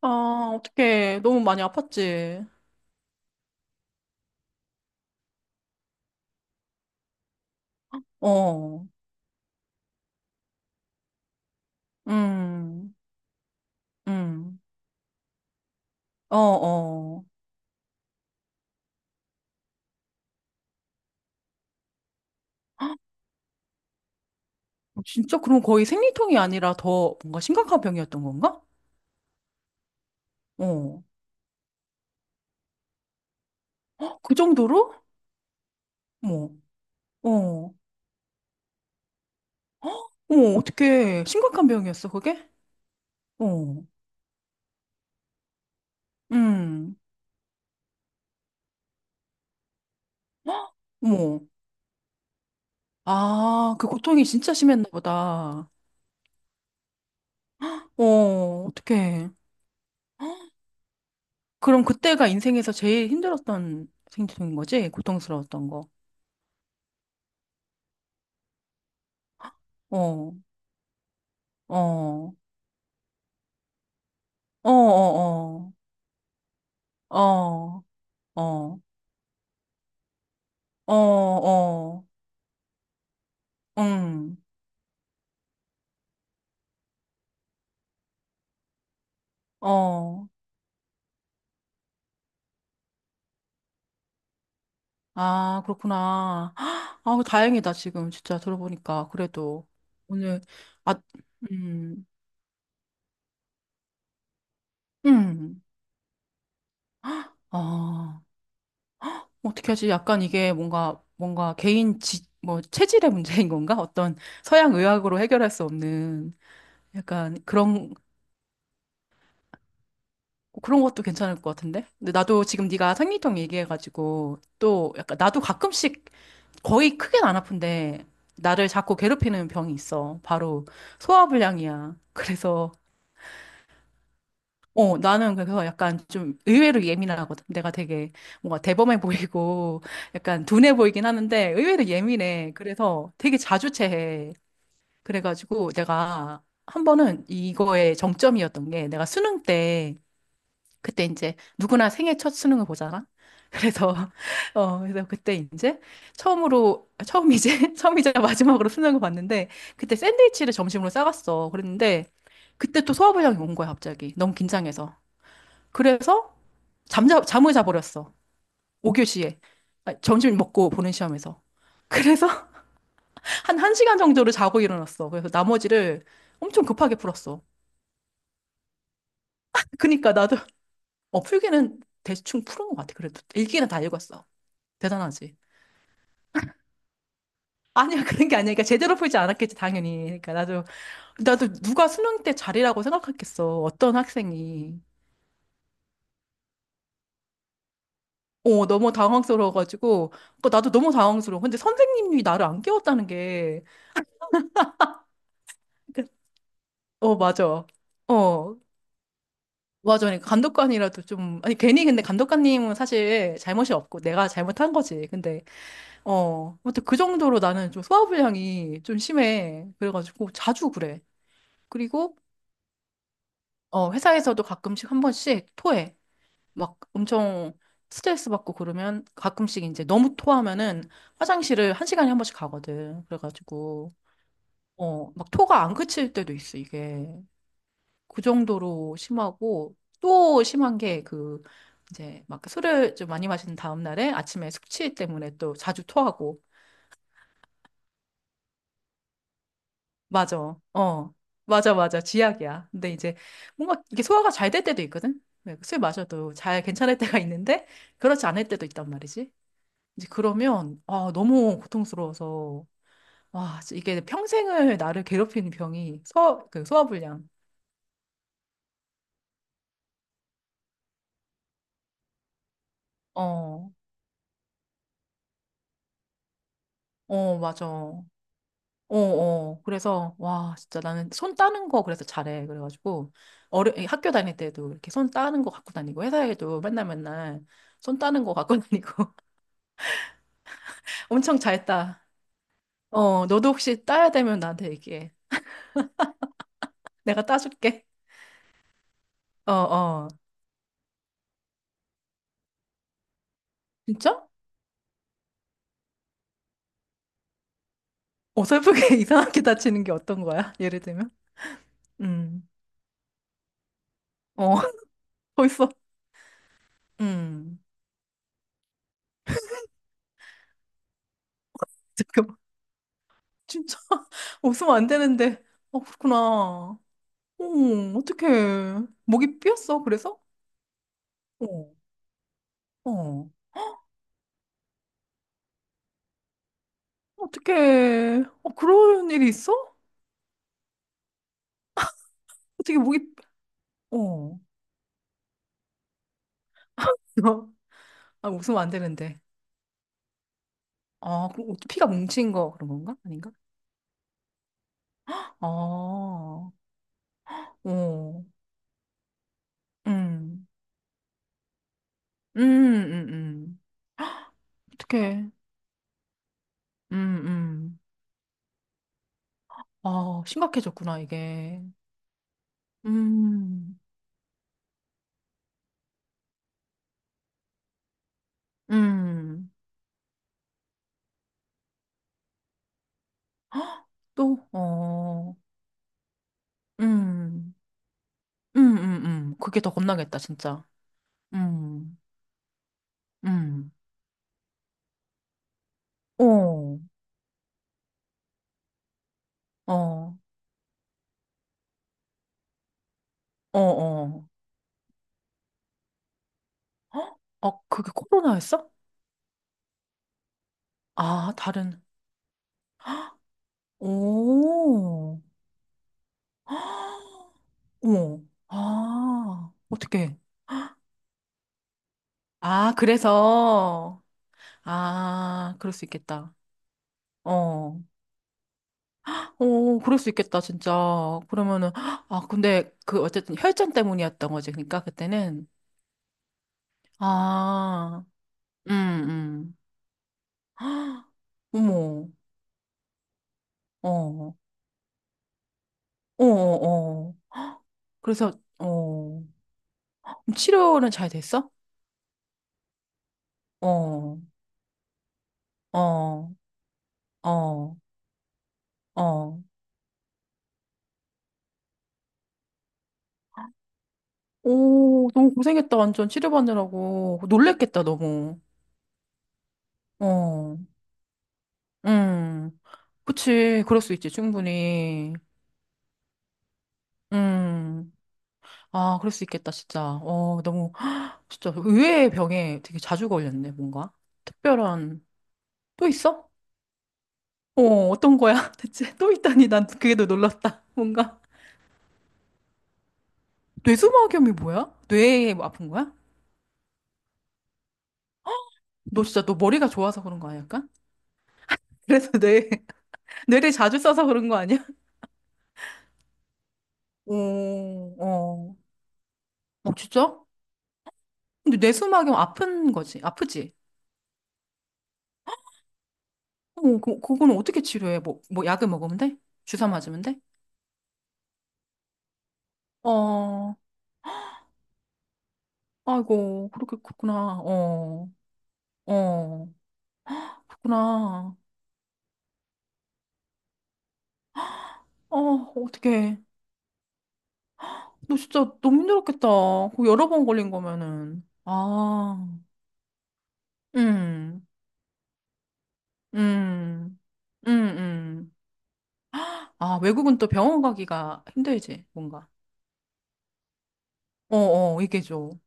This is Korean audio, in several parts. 아, 어떡해. 너무 많이 아팠지. 어, 음, 음, 어, 어. 진짜 그럼 거의 생리통이 아니라 더 뭔가 심각한 병이었던 건가? 어, 헉, 그 정도로? 뭐, 어, 어머, 어떡해. 심각한 병이었어, 그게? 어, 음, 헉, 어머. 아, 그 고통이 진짜 심했나 보다. 어, 어떡해. 그럼 그때가 인생에서 제일 힘들었던 생리통인 거지? 고통스러웠던 거. 어, 어. 어, 어, 어, 어, 어, 어, 어, 응, 어. 아, 그렇구나. 아, 다행이다, 지금. 진짜 들어보니까. 그래도. 오늘, 아, 음, 음. 아, 어떻게 하지? 약간 이게 뭔가, 뭔가 개인 지, 뭐, 체질의 문제인 건가? 어떤 서양 의학으로 해결할 수 없는 약간 그런 그런 것도 괜찮을 것 같은데? 근데 나도 지금 네가 생리통 얘기해가지고 또 약간 나도 가끔씩 거의 크게는 안 아픈데 나를 자꾸 괴롭히는 병이 있어. 바로 소화불량이야. 그래서 어 나는 그래서 약간 좀 의외로 예민하거든. 내가 되게 뭔가 대범해 보이고 약간 둔해 보이긴 하는데 의외로 예민해. 그래서 되게 자주 체해. 그래가지고 내가 한 번은 이거의 정점이었던 게 내가 수능 때 그때 이제 누구나 생애 첫 수능을 보잖아. 그래서 어 그래서 그때 이제 처음으로 처음이제 처음이자 마지막으로 수능을 봤는데 그때 샌드위치를 점심으로 싸갔어. 그랬는데 그때 또 수화부장이 온 거야 갑자기 너무 긴장해서. 그래서 잠자 잠을 자버렸어. 5교시에 점심 먹고 보는 시험에서. 그래서 한 1시간 정도를 자고 일어났어. 그래서 나머지를 엄청 급하게 풀었어. 그니까 나도 어 풀기는 대충 푸른 것 같아. 그래도 읽기는 다 읽었어. 대단하지. 아니야, 그런 게 아니야. 그러니까 제대로 풀지 않았겠지, 당연히. 그러니까 나도, 나도 누가 수능 때 잘이라고 생각했겠어. 어떤 학생이. 어, 너무 당황스러워가지고. 그 나도 너무 당황스러워. 근데 선생님이 나를 안 깨웠다는 게. 그 어, 맞아. 어, 맞아. 그러니까 감독관이라도 좀, 아니, 괜히 근데 감독관님은 사실 잘못이 없고 내가 잘못한 거지. 근데, 어, 아무튼 그 정도로 나는 좀 소화불량이 좀 심해. 그래가지고 자주 그래. 그리고, 어, 회사에서도 가끔씩 한 번씩 토해. 막 엄청 스트레스 받고 그러면 가끔씩 이제 너무 토하면은 화장실을 한 시간에 한 번씩 가거든. 그래가지고, 어, 막 토가 안 그칠 때도 있어, 이게. 그 정도로 심하고, 또 심한 게 그, 이제 막 술을 좀 많이 마신 다음 날에 아침에 숙취 때문에 또 자주 토하고. 맞아. 어. 맞아, 맞아. 지약이야. 근데 이제 뭔가 이게 소화가 잘 될 때도 있거든? 네, 술 마셔도 잘 괜찮을 때가 있는데, 그렇지 않을 때도 있단 말이지. 이제 그러면 아, 너무 고통스러워서 와, 진짜 이게 평생을 나를 괴롭히는 병이 소, 그 소화불량. 어, 어, 맞아. 어, 어. 그래서 와, 진짜 나는 손 따는 거 그래서 잘해. 그래가지고 어려 이 학교 다닐 때도 이렇게 손 따는 거 갖고 다니고 회사에도 맨날 맨날 손 따는 거 갖고 다니고 엄청 잘했다. 어, 너도 혹시 따야 되면 나한테 얘기해. 내가 따줄게. 어, 어. 진짜? 어설프게 이상하게 다치는 게 어떤 거야? 예를 들면? 음. 어, 벌써 음. 잠깐만 진짜 웃으면 안 되는데 어 그렇구나 어 어떡해 목이 삐었어 그래서 어, 어, 어떡해 어 그런 일이 있어 어떻게 목이 어. 아 웃으면 안 되는데 아 그럼 어떻게 피가 뭉친 거 그런 건가 아닌가 아어 음, 음, 음, 음. 어떡해. 음, 음. 아, 심각해졌구나, 이게. 음, 음. 또? 어, 음, 그게 더 겁나겠다, 진짜. 음, 음, 어, 어, 어, 어. 헉? 아, 그게 코로나였어? 아, 다른. 오, 헉, 어머, 아, 어떡해. 아, 그래서. 아, 그럴 수 있겠다. 어, 어, 그럴 수 있겠다, 진짜. 그러면은, 아, 근데 그 어쨌든 혈전 때문이었던 거지, 그러니까 그때는. 아. 음, 음. 어머, 어, 어, 어, 어. 그래서, 어, 그럼 치료는 잘 됐어? 어, 어, 어, 어. 오, 너무 고생했다, 완전 치료받느라고. 놀랬겠다, 너무. 어, 음, 그치, 그럴 수 있지, 충분히. 음, 아, 그럴 수 있겠다, 진짜. 어, 너무, 진짜 의외의 병에 되게 자주 걸렸네, 뭔가. 특별한, 또 있어? 어, 어떤 거야? 대체 또 있다니 난 그게 더 놀랐다. 뭔가 뇌수막염이 뭐야? 뇌에 뭐 아픈 거야? 너 진짜 너 머리가 좋아서 그런 거 아니야? 약간? 그래서 뇌 뇌를 자주 써서 그런 거 아니야? 오, 어, 어, 진짜? 근데 뇌수막염 아픈 거지, 아프지? 어, 그거는 어떻게 치료해? 뭐, 뭐 약을 먹으면 돼? 주사 맞으면 돼? 어, 아이고, 그렇게 그렇구나. 어, 어, 그렇구나. 어, 어떡해. 너 진짜 너무 힘들었겠다. 그거 여러 번 걸린 거면은. 아, 음, 음, 음, 음. 아, 외국은 또 병원 가기가 힘들지, 뭔가. 어, 어, 이게 죠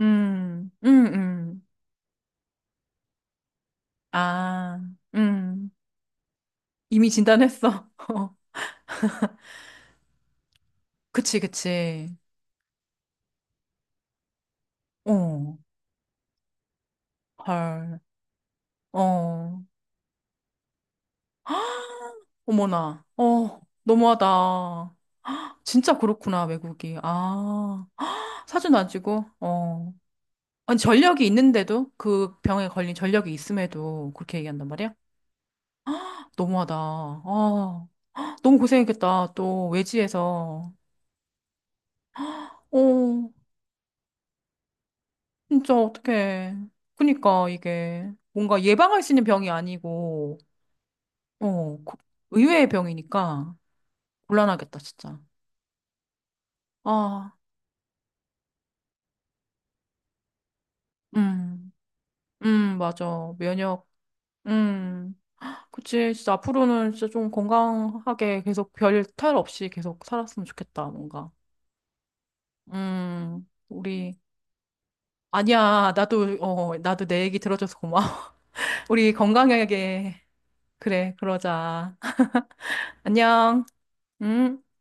음, 음, 음. 아, 음. 이미 진단했어. 어, 그치, 그치. 어, 헐. 어, 어머나. 어, 너무하다. 진짜 그렇구나, 외국이. 아, 사진 안 찍어? 어. 아니, 전력이 있는데도 그 병에 걸린 전력이 있음에도 그렇게 얘기한단 말이야? 너무하다. 아, 너무 고생했겠다. 또 외지에서. 어, 진짜 어떡해. 그니까 이게 뭔가 예방할 수 있는 병이 아니고, 어, 그 의외의 병이니까 곤란하겠다, 진짜. 아, 음, 맞아. 면역, 음. 그치, 진짜 앞으로는 진짜 좀 건강하게 계속 별 탈 없이 계속 살았으면 좋겠다, 뭔가. 우리, 아니야. 나도, 어, 나도 내 얘기 들어줘서 고마워. 우리 건강하게, 그래, 그러자. 안녕. 음.